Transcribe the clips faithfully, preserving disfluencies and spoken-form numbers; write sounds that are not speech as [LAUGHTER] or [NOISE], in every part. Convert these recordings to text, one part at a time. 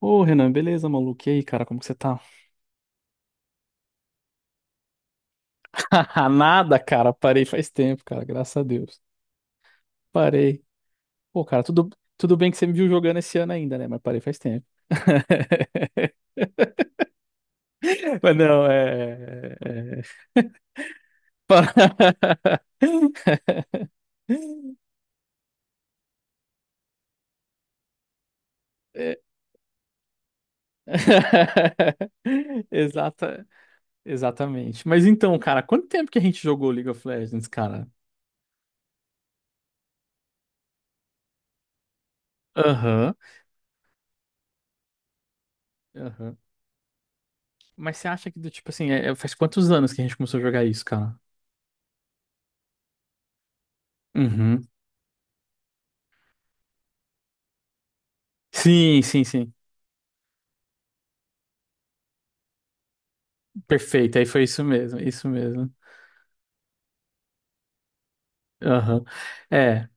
Ô, Renan, beleza, maluco? E aí, cara, como que você tá? [LAUGHS] Nada, cara, parei faz tempo, cara, graças a Deus. Parei. Pô, cara, tudo, tudo bem que você me viu jogando esse ano ainda, né? Mas parei faz tempo. [LAUGHS] Mas não, é. é- [LAUGHS] Pa- [LAUGHS] É. [LAUGHS] Exata, exatamente. Mas então, cara, quanto tempo que a gente jogou League of Legends, cara? Aham, aham. Mas você acha que, do tipo assim, é- é- faz quantos anos que a gente começou a jogar isso, cara? Uhum. Sim, sim, sim. Perfeito. Aí foi isso mesmo, isso mesmo. Aham. É,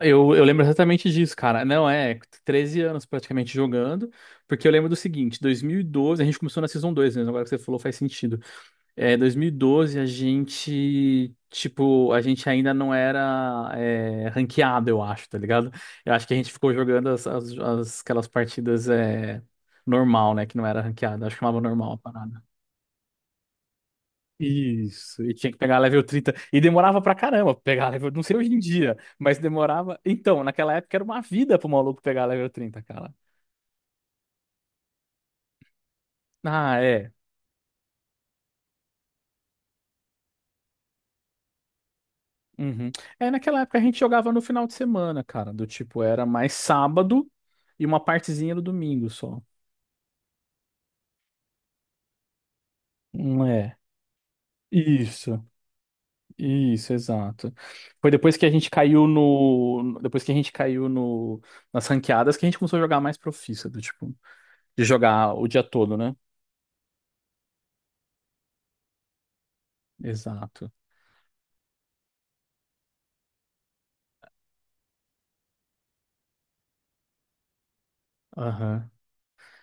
eu, eu lembro exatamente disso, cara. Não, é treze anos praticamente jogando, porque eu lembro do seguinte, dois mil e doze a gente começou na Season dois mesmo, agora que você falou faz sentido. É, dois mil e doze a gente, tipo, a gente ainda não era é, ranqueado, eu acho, tá ligado? Eu acho que a gente ficou jogando as, as, as- aquelas partidas é, normal, né, que não era ranqueado, acho que chamava normal a parada. Isso, e tinha que pegar level trinta e demorava pra caramba pegar level. Não sei hoje em dia, mas demorava. Então, naquela época era uma vida pro maluco pegar level trinta, cara. Ah, é. Uhum. É, naquela época a gente jogava no final de semana, cara. Do tipo, era mais sábado e uma partezinha no domingo só. Não é. Isso, isso, exato. Foi depois que a gente caiu no. Depois que a gente caiu no, nas ranqueadas que a gente começou a jogar mais profissa, do tipo, de jogar o dia todo, né? Exato. Aham.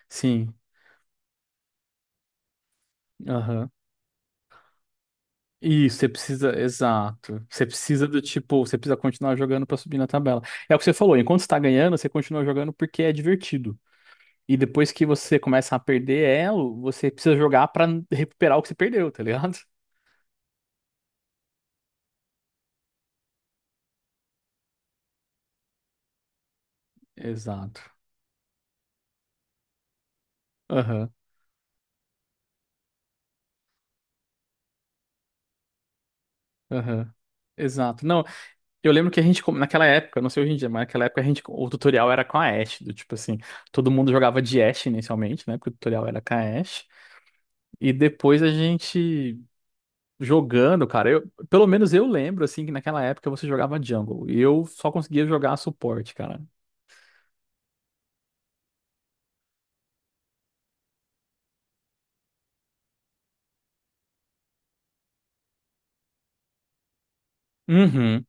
Sim. Aham. Isso, você precisa, exato. Você precisa do tipo, você precisa continuar jogando pra subir na tabela. É o que você falou, enquanto você tá ganhando, você continua jogando porque é divertido. E depois que você começa a perder elo, você precisa jogar pra recuperar o que você perdeu, tá ligado? [LAUGHS] Exato. Aham. Aham. Exato. Não, eu lembro que a gente, como- naquela época, não sei hoje em dia, mas naquela época a gente, o tutorial era com a Ashe, do tipo assim, todo mundo jogava de Ashe inicialmente, né? Porque o tutorial era com a Ashe. E depois a gente. Jogando, cara, eu, pelo menos eu lembro, assim, que naquela época você jogava jungle e eu só conseguia jogar suporte, cara. Uhum.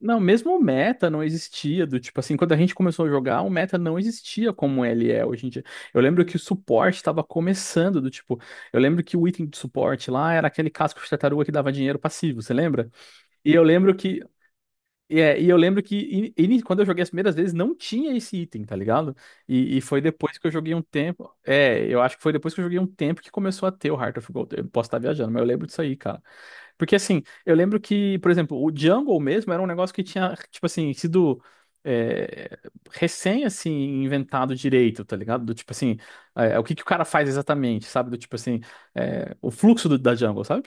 Não, mesmo o meta não existia, do tipo assim, quando a gente começou a jogar, o meta não existia como ele é hoje em dia. Eu lembro que o suporte estava começando, do tipo, eu lembro que o item de suporte lá era aquele casco de tartaruga que dava dinheiro passivo, você lembra? E eu lembro que E, é, e eu lembro que in- ini- quando eu joguei as primeiras vezes não tinha esse item, tá ligado? E, e foi depois que eu joguei um tempo. É, eu acho que foi depois que eu joguei um tempo que começou a ter o Heart of Gold. Eu posso estar viajando, mas eu lembro disso aí, cara. Porque assim, eu lembro que, por exemplo, o Jungle mesmo era um negócio que tinha, tipo assim, sido é, recém, assim, inventado direito, tá ligado? Do tipo assim, é, o que que o cara faz exatamente, sabe? Do tipo assim, é, o fluxo do- da Jungle, sabe?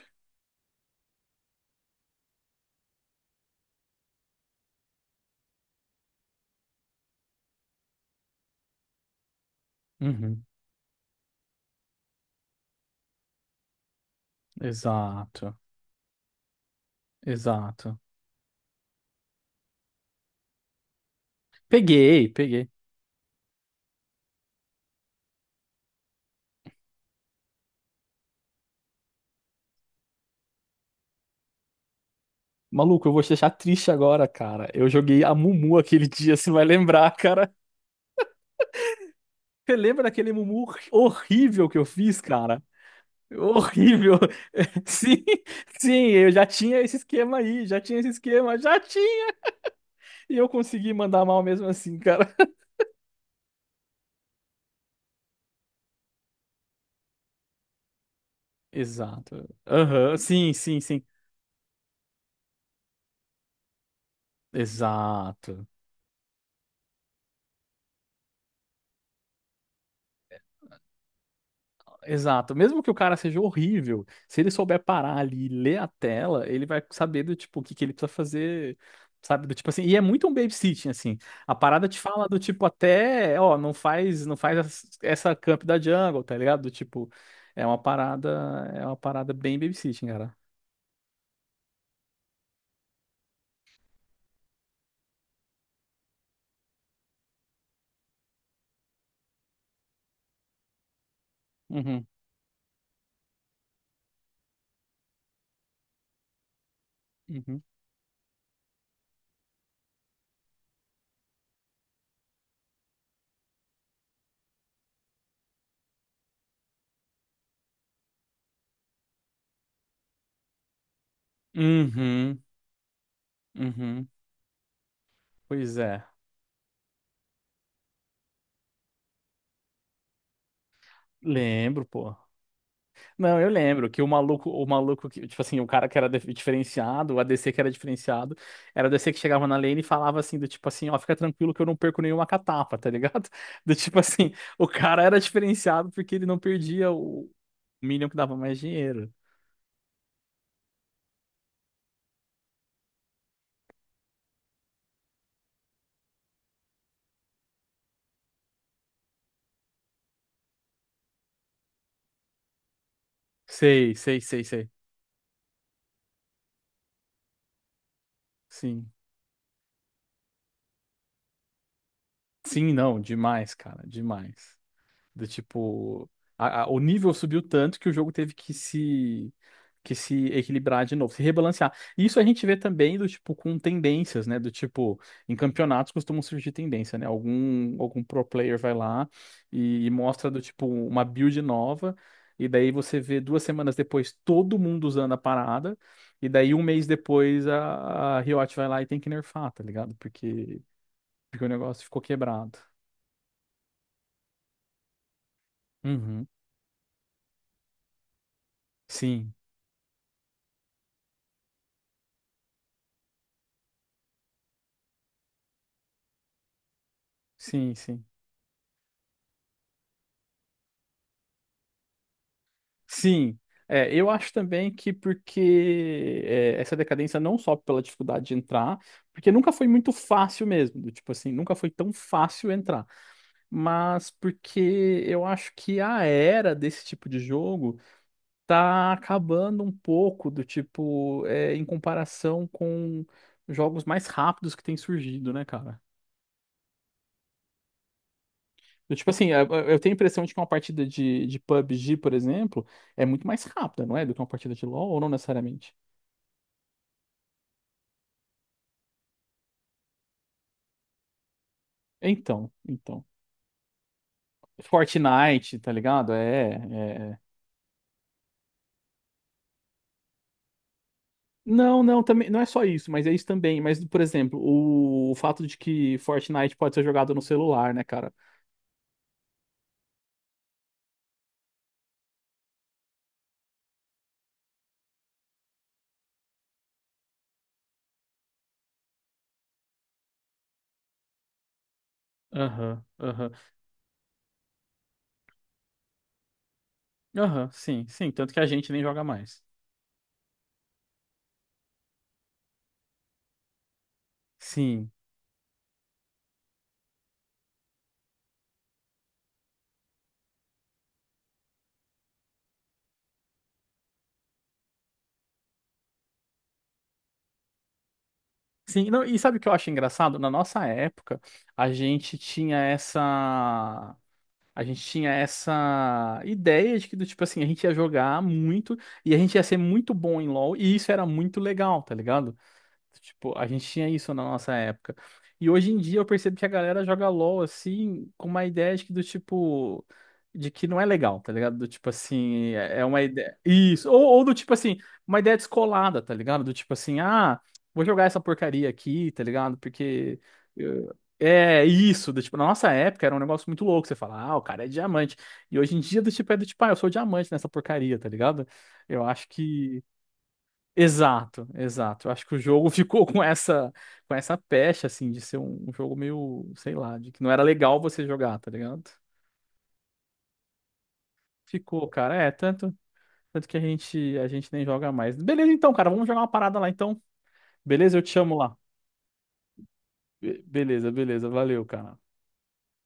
Uhum. Exato, exato. Peguei, peguei. Maluco, eu vou te deixar triste agora, cara. Eu joguei a Mumu aquele dia, você vai lembrar, cara. Você lembra daquele Mumu horrível que eu fiz, cara? Horrível. [LAUGHS] Sim, sim, eu já tinha esse esquema aí, já tinha esse esquema, já tinha. E eu consegui mandar mal mesmo assim, cara. [LAUGHS] Exato. Aham, sim, sim, sim. Exato. Exato. Mesmo que o cara seja horrível, se ele souber parar ali e ler a tela, ele vai saber do tipo o que que ele precisa fazer, sabe? Do tipo assim, e é muito um babysitting assim. A parada te fala do tipo até, ó, não faz, não faz as- essa camp da jungle, tá ligado? Do tipo, é uma parada, é uma parada bem babysitting, cara. Uhum, uhum. Uhum, uhum. Pois é. Lembro, pô. Não, eu lembro que o maluco, o maluco que, tipo assim, o cara que era dif- diferenciado, o A D C que era diferenciado, era o A D C que chegava na lane e falava assim, do tipo assim, ó, fica tranquilo que eu não perco nenhuma catapa, tá ligado? [LAUGHS] Do tipo assim, o cara era diferenciado porque ele não perdia o o minion que dava mais dinheiro. Sei, sei, sei, sei. Sim. Sim, não, demais, cara, demais. Do tipo, a- a- o nível subiu tanto que o jogo teve que se que se equilibrar de novo, se rebalancear. E isso a gente vê também do tipo com tendências, né? Do tipo, em campeonatos costumam surgir tendência, né? Algum algum pro player vai lá e, e mostra do tipo uma build nova e daí você vê duas semanas depois todo mundo usando a parada e daí um mês depois a, a Riot vai lá e tem que nerfar, tá ligado? Porque porque o negócio ficou quebrado. Uhum. Sim, sim, sim. Sim, é, eu acho também que porque é, essa decadência não só pela dificuldade de entrar, porque nunca foi muito fácil mesmo, do tipo assim, nunca foi tão fácil entrar, mas porque eu acho que a era desse tipo de jogo tá acabando um pouco do tipo, é, em comparação com jogos mais rápidos que têm surgido, né, cara? Do tipo assim, eu eu tenho a impressão de que uma partida de, de PUBG, por exemplo, é muito mais rápida, não é? Do que uma partida de LoL, ou não necessariamente? Então, então. Fortnite, tá ligado? É, é- é. Não, não, também, não é só isso, mas é isso também. Mas, por exemplo, o, o fato de que Fortnite pode ser jogado no celular, né, cara? Aham, aham. Aham, sim, sim. Tanto que a gente nem joga mais. Sim. Sim, não, e sabe o que eu acho engraçado? Na nossa época, a gente tinha essa. A gente tinha essa ideia de que, do tipo assim, a gente ia jogar muito e a gente ia ser muito bom em LoL, e isso era muito legal, tá ligado? Tipo, a gente tinha isso na nossa época. E hoje em dia eu percebo que a galera joga LoL assim, com uma ideia de que do tipo. De que não é legal, tá ligado? Do tipo assim, é é uma ideia. Isso. Ou, ou do tipo assim, uma ideia descolada, tá ligado? Do tipo assim, ah, vou jogar essa porcaria aqui, tá ligado? Porque. eu- É isso. Do tipo, na nossa época era um negócio muito louco. Você fala, ah, o cara é diamante. E hoje em dia, do tipo, é do tipo, ah, eu sou diamante nessa porcaria, tá ligado? Eu acho que. Exato, exato. Eu acho que o jogo [LAUGHS] ficou com essa com essa pecha assim de ser um, um jogo meio, sei lá, de que não era legal você jogar, tá ligado? Ficou, cara. É, tanto tanto que a gente a gente nem joga mais. Beleza então, cara, vamos jogar uma parada lá então. Beleza? Eu te chamo lá. Be- beleza, beleza. Valeu, cara.